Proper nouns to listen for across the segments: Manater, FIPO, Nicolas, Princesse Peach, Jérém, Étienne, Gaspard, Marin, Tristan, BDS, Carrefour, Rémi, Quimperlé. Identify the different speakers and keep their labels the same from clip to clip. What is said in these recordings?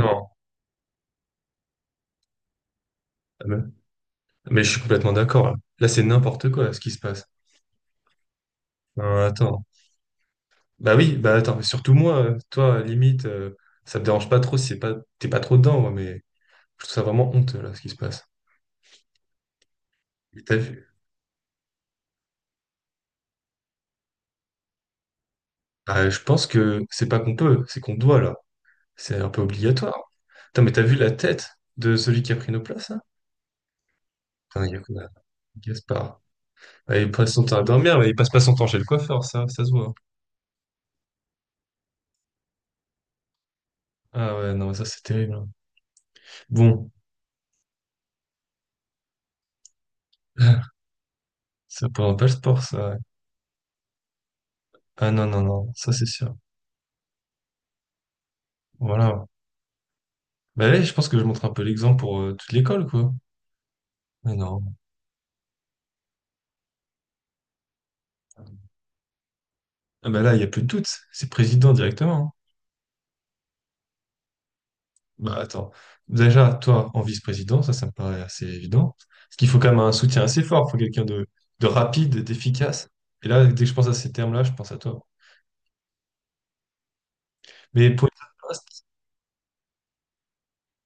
Speaker 1: Non, ah, mais je suis complètement d'accord. Là, c'est n'importe quoi ce qui se passe. Non, attends. Bah oui, bah attends, mais surtout moi, toi, limite, ça me dérange pas trop si c'est pas, t'es pas trop dedans, moi, mais je trouve ça vraiment honteux, là, ce qui se passe. Mais t'as vu? Bah, je pense que c'est pas qu'on peut, c'est qu'on doit, là. C'est un peu obligatoire. Putain, mais t'as vu la tête de celui qui a pris nos places, là? Putain, il y a quoi, là, Gaspard. Ah, il passe son temps à dormir, mais il passe pas son temps chez le coiffeur, ça se voit. Ah ouais, non, ça, c'est terrible, hein. Bon, ça prend pas le sport, ça. Ah non, non, non, ça c'est sûr. Voilà. Bah là, je pense que je montre un peu l'exemple pour toute l'école, quoi. Mais non. Ah bah là, il n'y a plus de doute. C'est président directement, hein. Bah attends. Déjà, toi, en vice-président, ça me paraît assez évident. Parce qu'il faut quand même un soutien assez fort. Il faut quelqu'un de rapide, d'efficace. Et là, dès que je pense à ces termes-là, je pense à toi. Mais pour une autre poste.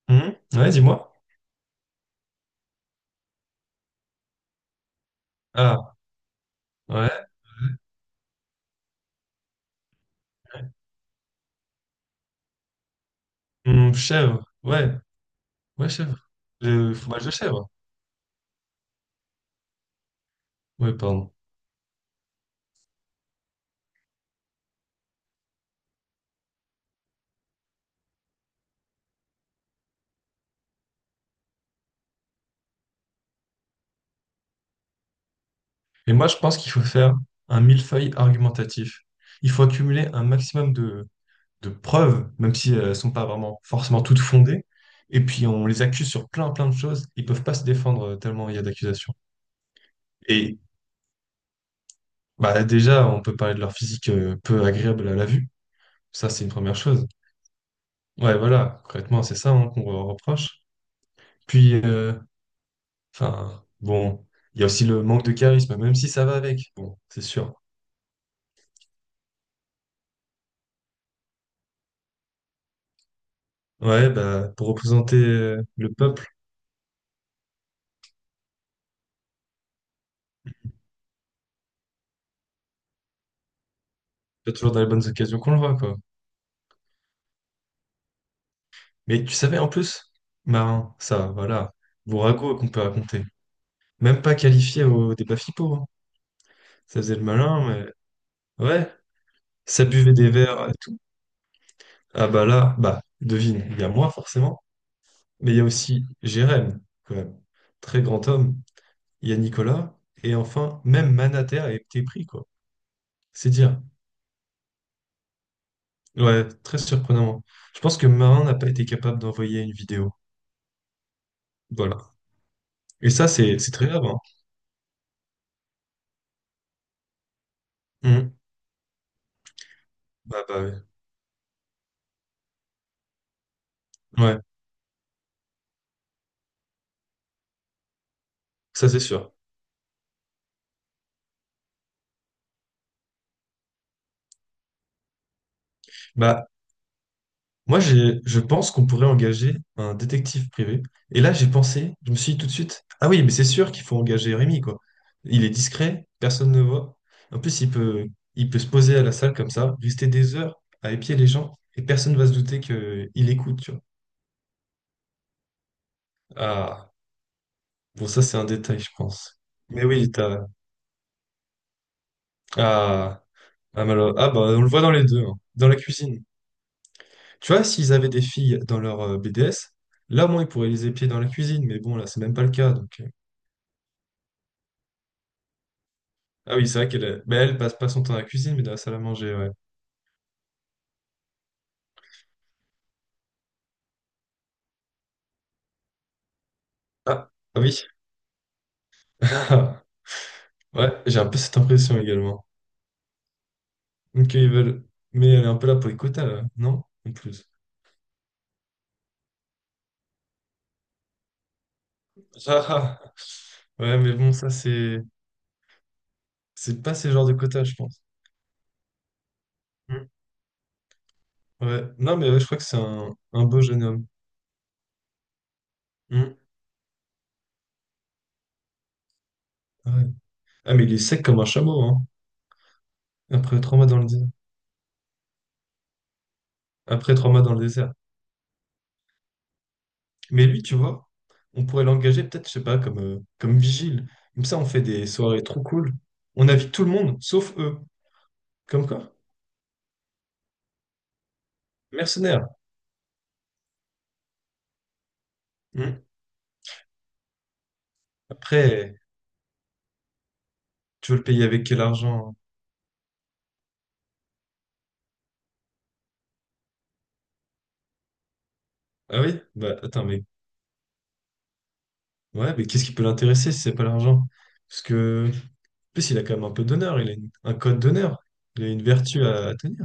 Speaker 1: Ouais, dis-moi. Ah, ouais. Chèvre. Ouais, ouais, chèvre. Le fromage de chèvre. Ouais, pardon. Et moi, je pense qu'il faut faire un millefeuille argumentatif. Il faut accumuler un maximum de preuves, même si elles ne sont pas vraiment forcément toutes fondées. Et puis, on les accuse sur plein, plein de choses. Ils peuvent pas se défendre, tellement il y a d'accusations. Et bah, déjà, on peut parler de leur physique peu agréable à la vue. Ça, c'est une première chose. Ouais, voilà, concrètement, c'est ça, hein, qu'on leur reproche. Puis, enfin, bon, il y a aussi le manque de charisme, même si ça va avec. Bon, c'est sûr. Ouais, bah, pour représenter le peuple. Pas toujours dans les bonnes occasions qu'on le voit, quoi. Mais tu savais, en plus, Marin, ça, voilà, vos ragots qu'on peut raconter. Même pas qualifié au débat FIPO, hein. Ça faisait le malin, mais ouais, ça buvait des verres et tout. Ah bah là, bah, devine, il y a moi forcément, mais il y a aussi Jérém, quand même. Très grand homme. Il y a Nicolas, et enfin, même Manater a été pris, quoi. C'est dire. Ouais, très surprenant. Je pense que Marin n'a pas été capable d'envoyer une vidéo. Voilà. Et ça, c'est très grave, hein. Mhm. Bah, bah, ouais. Ouais. Ça, c'est sûr. Bah, moi, je pense qu'on pourrait engager un détective privé. Et là, j'ai pensé, je me suis dit tout de suite, ah oui, mais c'est sûr qu'il faut engager Rémi, quoi. Il est discret, personne ne voit. En plus, il peut se poser à la salle comme ça, rester des heures à épier les gens, et personne ne va se douter qu'il écoute, tu vois. Ah, bon, ça, c'est un détail, je pense. Mais oui, t'as... Ah, ah, ah, bah, on le voit dans les deux, hein. Dans la cuisine. Tu vois, s'ils avaient des filles dans leur BDS, là, au moins, ils pourraient les épier dans la cuisine. Mais bon, là, c'est même pas le cas. Donc. Ah oui, c'est vrai mais elle passe pas son temps à la cuisine, mais dans la salle à manger, ouais. Ah, ah oui. Ouais, j'ai un peu cette impression également. Donc, ils veulent... Mais elle est un peu là pour les quotas, là, non? En plus. Ah, ah. Ouais, mais bon, ça, c'est... C'est pas ce genre de quotas, je pense. Mm. Ouais. Non, mais ouais, je crois que c'est un beau jeune homme. Mm. Ouais. Ah, mais il est sec comme un chameau, hein. Après trois mois dans le désert. Après trois mois dans le désert. Mais lui, tu vois, on pourrait l'engager peut-être, je sais pas, comme vigile. Comme ça, on fait des soirées trop cool. On invite tout le monde, sauf eux. Comme quoi? Mercenaire. Hmm. Après, tu veux le payer avec quel argent? Ah oui? Bah attends, mais ouais, mais qu'est-ce qui peut l'intéresser si c'est pas l'argent? Parce que, en plus, il a quand même un peu d'honneur, il a un code d'honneur, il a une vertu à tenir.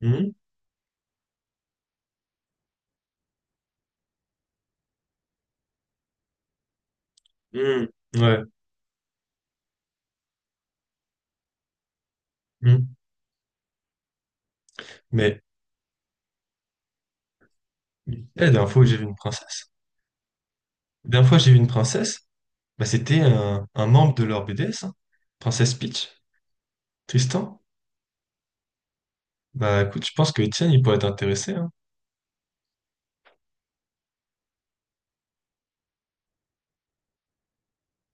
Speaker 1: Hmm. Hmm. Ouais. Hmm. Mais, eh, la dernière fois que j'ai vu une princesse, la dernière fois que j'ai vu une princesse, bah, c'était un membre de leur BDS, hein. Princesse Peach, Tristan. Bah écoute, je pense que Étienne, il pourrait être intéressé, hein.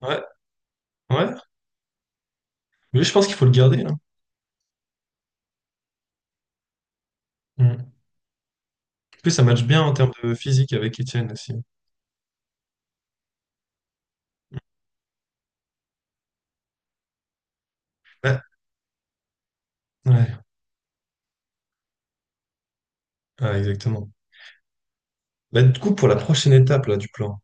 Speaker 1: Ouais, ouais. Mais je pense qu'il faut le garder, hein. Mm. En plus, ça matche bien en termes de physique avec Étienne aussi. Ouais, ouais, ouais, exactement. Bah, du coup, pour la prochaine étape là, du plan,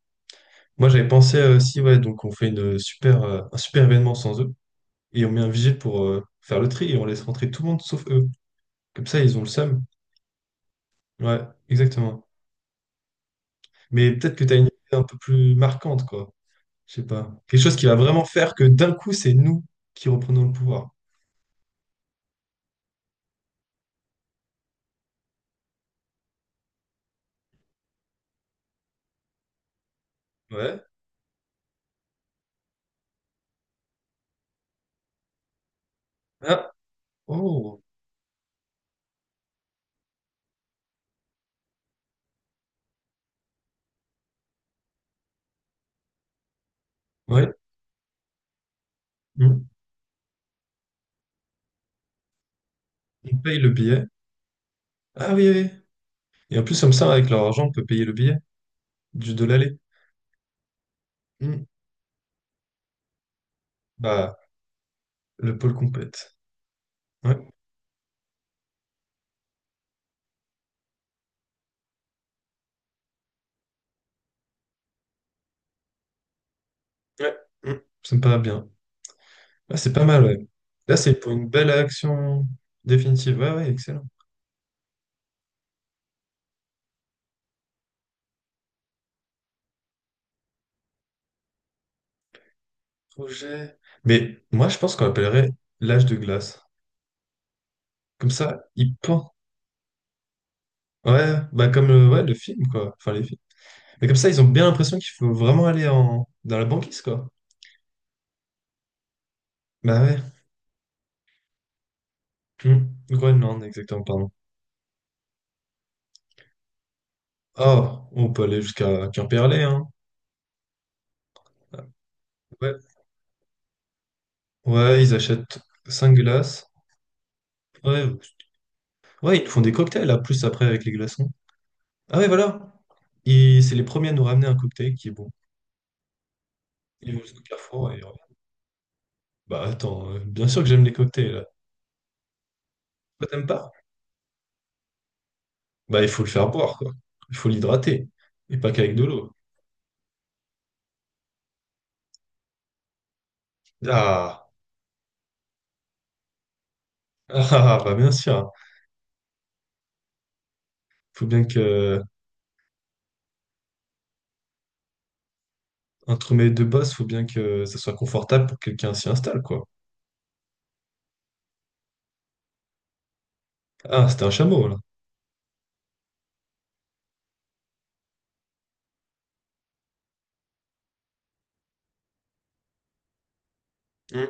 Speaker 1: moi j'avais pensé, aussi, ouais, donc on fait un super événement sans eux et on met un vigile pour faire le tri et on laisse rentrer tout le monde sauf eux. Comme ça, ils ont le seum. Ouais, exactement. Mais peut-être que tu as une idée un peu plus marquante, quoi. Je sais pas. Quelque chose qui va vraiment faire que d'un coup, c'est nous qui reprenons le pouvoir. Ouais. Ah. Oh. Ouais. Hmm. On paye le billet. Ah oui, oui. Et en plus, comme ça, avec leur argent, on peut payer le billet du de l'aller. Hmm. Bah, le pôle compète. Ouais. Ouais. Hmm. Ça me paraît bien. Ah, c'est pas mal, ouais. Là, c'est pour une belle action définitive. Ouais, ouais, excellent. Projet. Mais moi, je pense qu'on appellerait l'âge de glace. Comme ça, il pend. Ouais, bah comme le, ouais, le film, quoi. Enfin, les films. Mais comme ça, ils ont bien l'impression qu'il faut vraiment aller dans la banquise, quoi. Bah ouais. Hmm. Groenland, exactement, pardon. Oh, on peut aller jusqu'à Quimperlé, hein. Ouais. Ouais, ils achètent 5 glaces. Ouais, ouais, ils font des cocktails, là, plus après avec les glaçons. Ah ouais, voilà. ils C'est les premiers à nous ramener un cocktail qui est bon. Ils vont jusqu'au carrefour et ils reviennent. Bah attends, bien sûr que j'aime les cocktails, là. Toi, t'aimes pas? Bah, il faut le faire boire, quoi. Il faut l'hydrater. Et pas qu'avec de l'eau. Ah, ah, ah, bah bien sûr. Faut bien que. Un sommeil de base, faut bien que ça soit confortable pour que quelqu'un s'y installe, quoi. Ah, c'était un chameau, là. Hmm.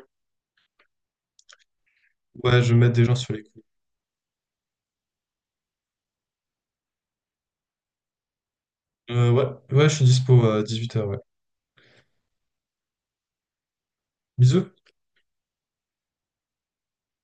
Speaker 1: Ouais, je vais mettre des gens sur les coups. Ouais, ouais, je suis dispo à 18h, ouais. Bisous.